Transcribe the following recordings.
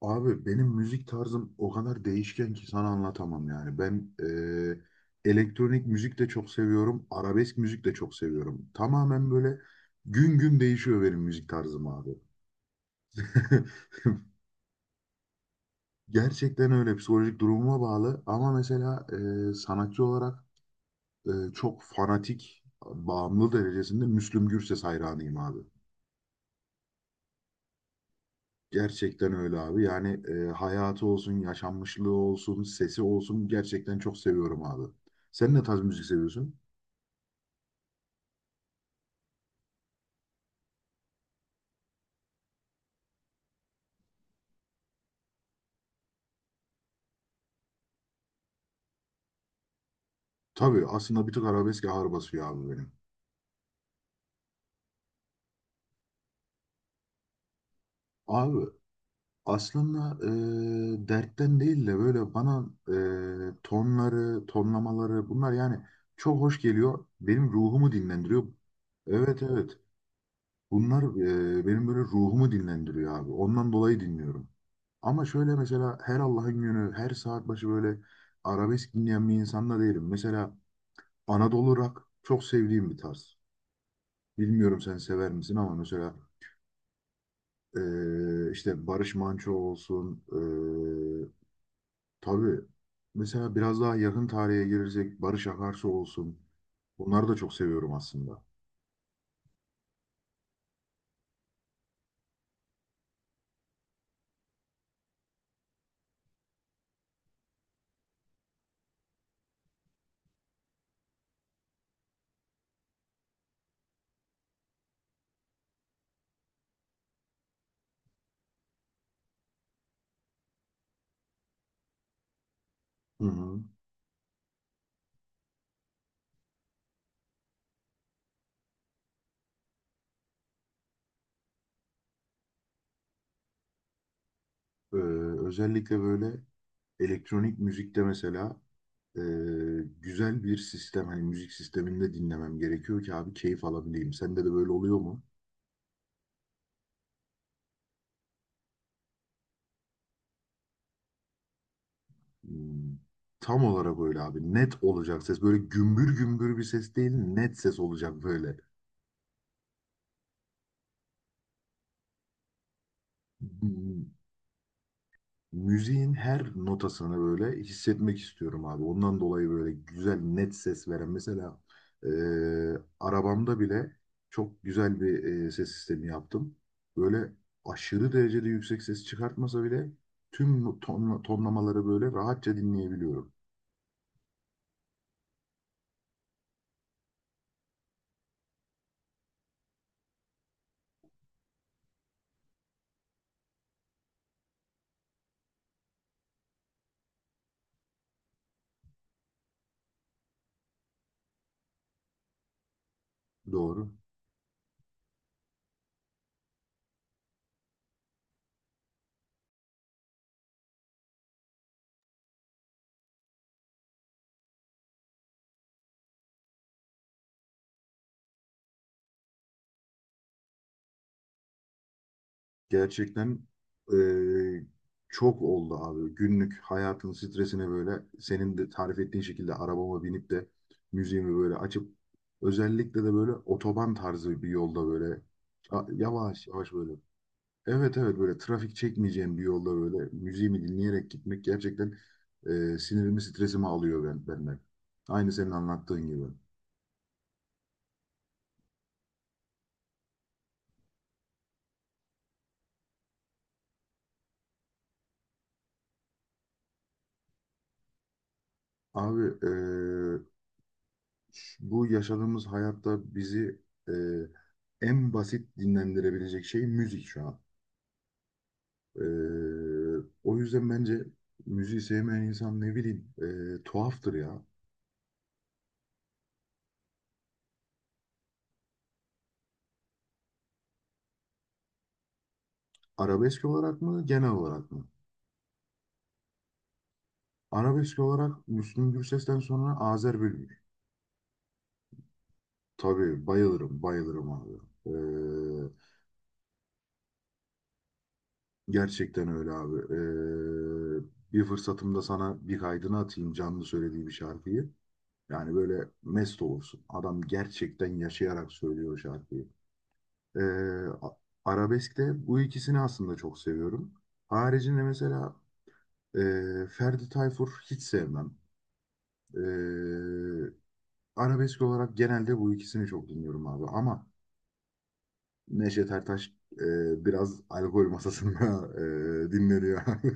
Abi benim müzik tarzım o kadar değişken ki sana anlatamam yani. Ben elektronik müzik de çok seviyorum, arabesk müzik de çok seviyorum. Tamamen böyle gün gün değişiyor benim müzik tarzım abi. Gerçekten öyle psikolojik durumuma bağlı ama mesela sanatçı olarak çok fanatik, bağımlı derecesinde Müslüm Gürses hayranıyım abi. Gerçekten öyle abi. Yani hayatı olsun, yaşanmışlığı olsun, sesi olsun gerçekten çok seviyorum abi. Sen ne tarz müzik seviyorsun? Tabii aslında bir tık arabesk ağır basıyor abi benim. Abi aslında dertten değil de böyle bana tonları, tonlamaları bunlar yani çok hoş geliyor. Benim ruhumu dinlendiriyor. Evet, evet. Bunlar benim böyle ruhumu dinlendiriyor abi. Ondan dolayı dinliyorum. Ama şöyle mesela her Allah'ın günü, her saat başı böyle arabesk dinleyen bir insan da değilim. Mesela Anadolu rock çok sevdiğim bir tarz. Bilmiyorum sen sever misin ama mesela işte Barış Manço olsun. Tabii mesela biraz daha yakın tarihe girecek Barış Akarsu olsun. Bunları da çok seviyorum aslında. Hı hı. Ee, Özellikle böyle elektronik müzikte mesela e, güzel bir sistem, hani müzik sisteminde dinlemem gerekiyor ki abi keyif alabileyim. Sende de böyle oluyor mu? Hmm. Tam olarak böyle abi. Net olacak ses. Böyle gümbür gümbür bir ses değil, net ses olacak böyle. Hmm. Müziğin her notasını böyle hissetmek istiyorum abi. Ondan dolayı böyle güzel net ses veren. Mesela e, arabamda bile çok güzel bir ses sistemi yaptım. Böyle aşırı derecede yüksek ses çıkartmasa bile tüm ton, tonlamaları böyle rahatça dinleyebiliyorum. Doğru. Gerçekten eee, çok oldu abi. Günlük hayatın stresine böyle senin de tarif ettiğin şekilde arabama binip de müziğimi böyle açıp özellikle de böyle otoban tarzı bir yolda böyle yavaş yavaş böyle. Evet, evet, böyle trafik çekmeyeceğim bir yolda böyle müziğimi dinleyerek gitmek gerçekten sinirimi stresimi alıyor benden. Aynı senin anlattığın gibi. Abi bu yaşadığımız hayatta bizi e, en basit dinlendirebilecek şey müzik şu an. E, o yüzden bence müziği sevmeyen insan ne bileyim tuhaftır ya. Arabesk olarak mı genel olarak mı? Arabesk olarak Müslüm Gürses'ten sonra Azer Bülbül. Tabii bayılırım bayılırım abi. E, Gerçekten öyle abi. Bir fırsatımda sana bir kaydını atayım canlı söylediği bir şarkıyı. Yani böyle mest olursun. Adam gerçekten yaşayarak söylüyor şarkıyı. Ee, a- Arabeskte bu ikisini aslında çok seviyorum. Haricinde mesela Ferdi Tayfur hiç sevmem. Ee, Arabesk olarak genelde bu ikisini çok dinliyorum abi. Ama Neşet Ertaş biraz alkol masasında dinleniyor abi.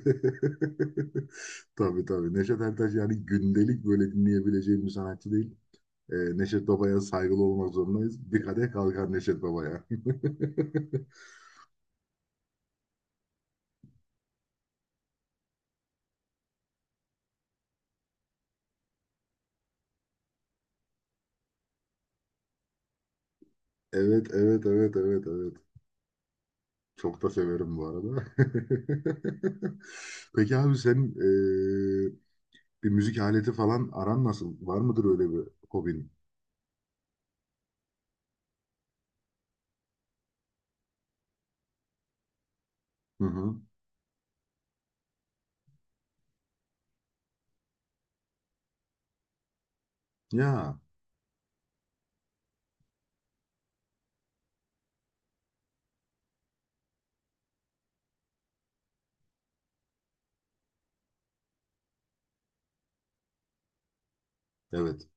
Tabii, tabii. Neşet Ertaş yani gündelik böyle dinleyebileceğim bir sanatçı değil. Neşet Baba'ya saygılı olmak zorundayız. Bir kadeh kalkar Neşet Baba'ya. Evet, evet, evet, evet, evet. Çok da severim bu arada. Peki abi senin e, bir müzik aleti falan aran nasıl? Var mıdır öyle bir hobin? Hı hı. Ya, evet.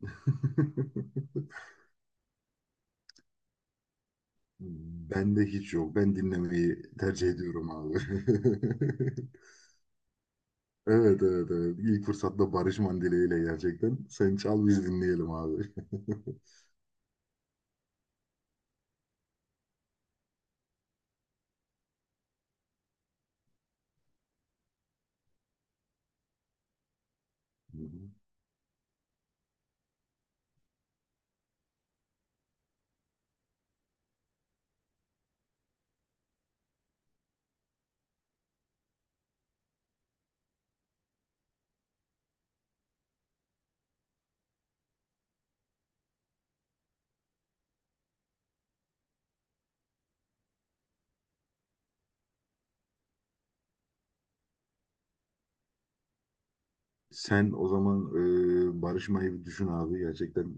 Bende hiç yok. Ben dinlemeyi tercih ediyorum abi. Evet, evet, evet. İlk fırsatta Barış Mandile ile gerçekten. Sen çal biz dinleyelim abi. Hı hı. Sen o zaman barışmayı bir düşün abi. Gerçekten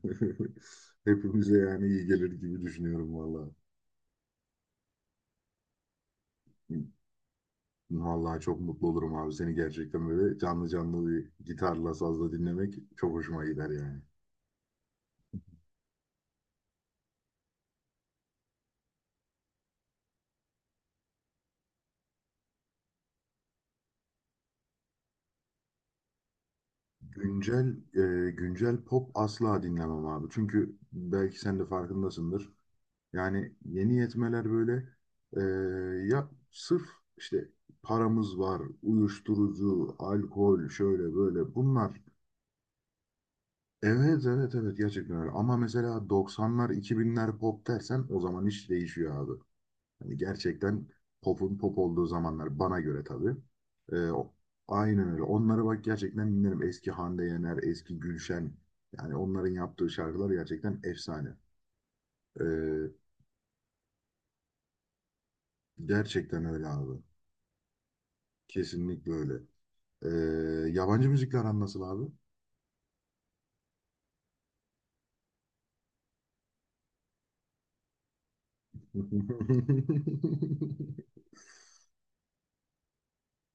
hepimize yani iyi gelir gibi düşünüyorum valla. Vallahi çok mutlu olurum abi. Seni gerçekten böyle canlı canlı bir gitarla sazla dinlemek çok hoşuma gider yani. Güncel güncel pop asla dinlemem abi. Çünkü belki sen de farkındasındır. Yani yeni yetmeler böyle e, ya sırf işte paramız var, uyuşturucu, alkol, şöyle böyle bunlar. Evet, evet, evet, gerçekten öyle. Ama mesela 90'lar 2000'ler pop dersen o zaman iş değişiyor abi. Yani gerçekten popun pop olduğu zamanlar bana göre tabii. E, o- aynen öyle. Onlara bak gerçekten dinlerim. Eski Hande Yener, eski Gülşen. Yani onların yaptığı şarkılar gerçekten efsane. E, Gerçekten öyle abi. Kesinlikle öyle. Ee, Yabancı müzikle aran nasıl abi?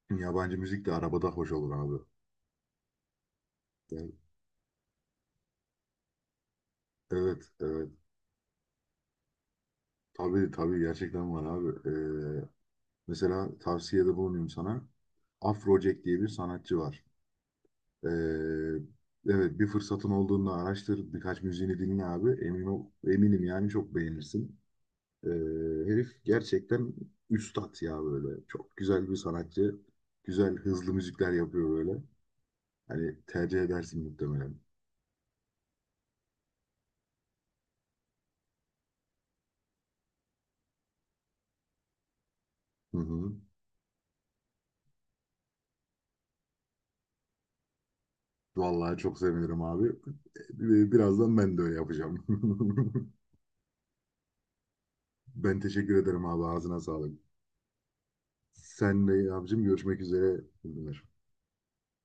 Yabancı müzik de arabada hoş olur abi. Yani, evet, evet. Tabii, tabii, gerçekten var abi. Ee, Mesela tavsiyede bulunayım sana. Afrojack diye bir sanatçı var. Ee, evet, bir fırsatın olduğunda araştır. Birkaç müziğini dinle abi. Emin ol, eminim yani çok beğenirsin. Ee, Herif gerçekten üstat ya böyle. Çok güzel bir sanatçı. Güzel hızlı müzikler yapıyor böyle. Hani tercih edersin muhtemelen. Hı hı. Vallahi çok sevinirim abi. Birazdan ben de öyle yapacağım. Ben teşekkür ederim abi. Ağzına sağlık. Sen de abicim, görüşmek üzere.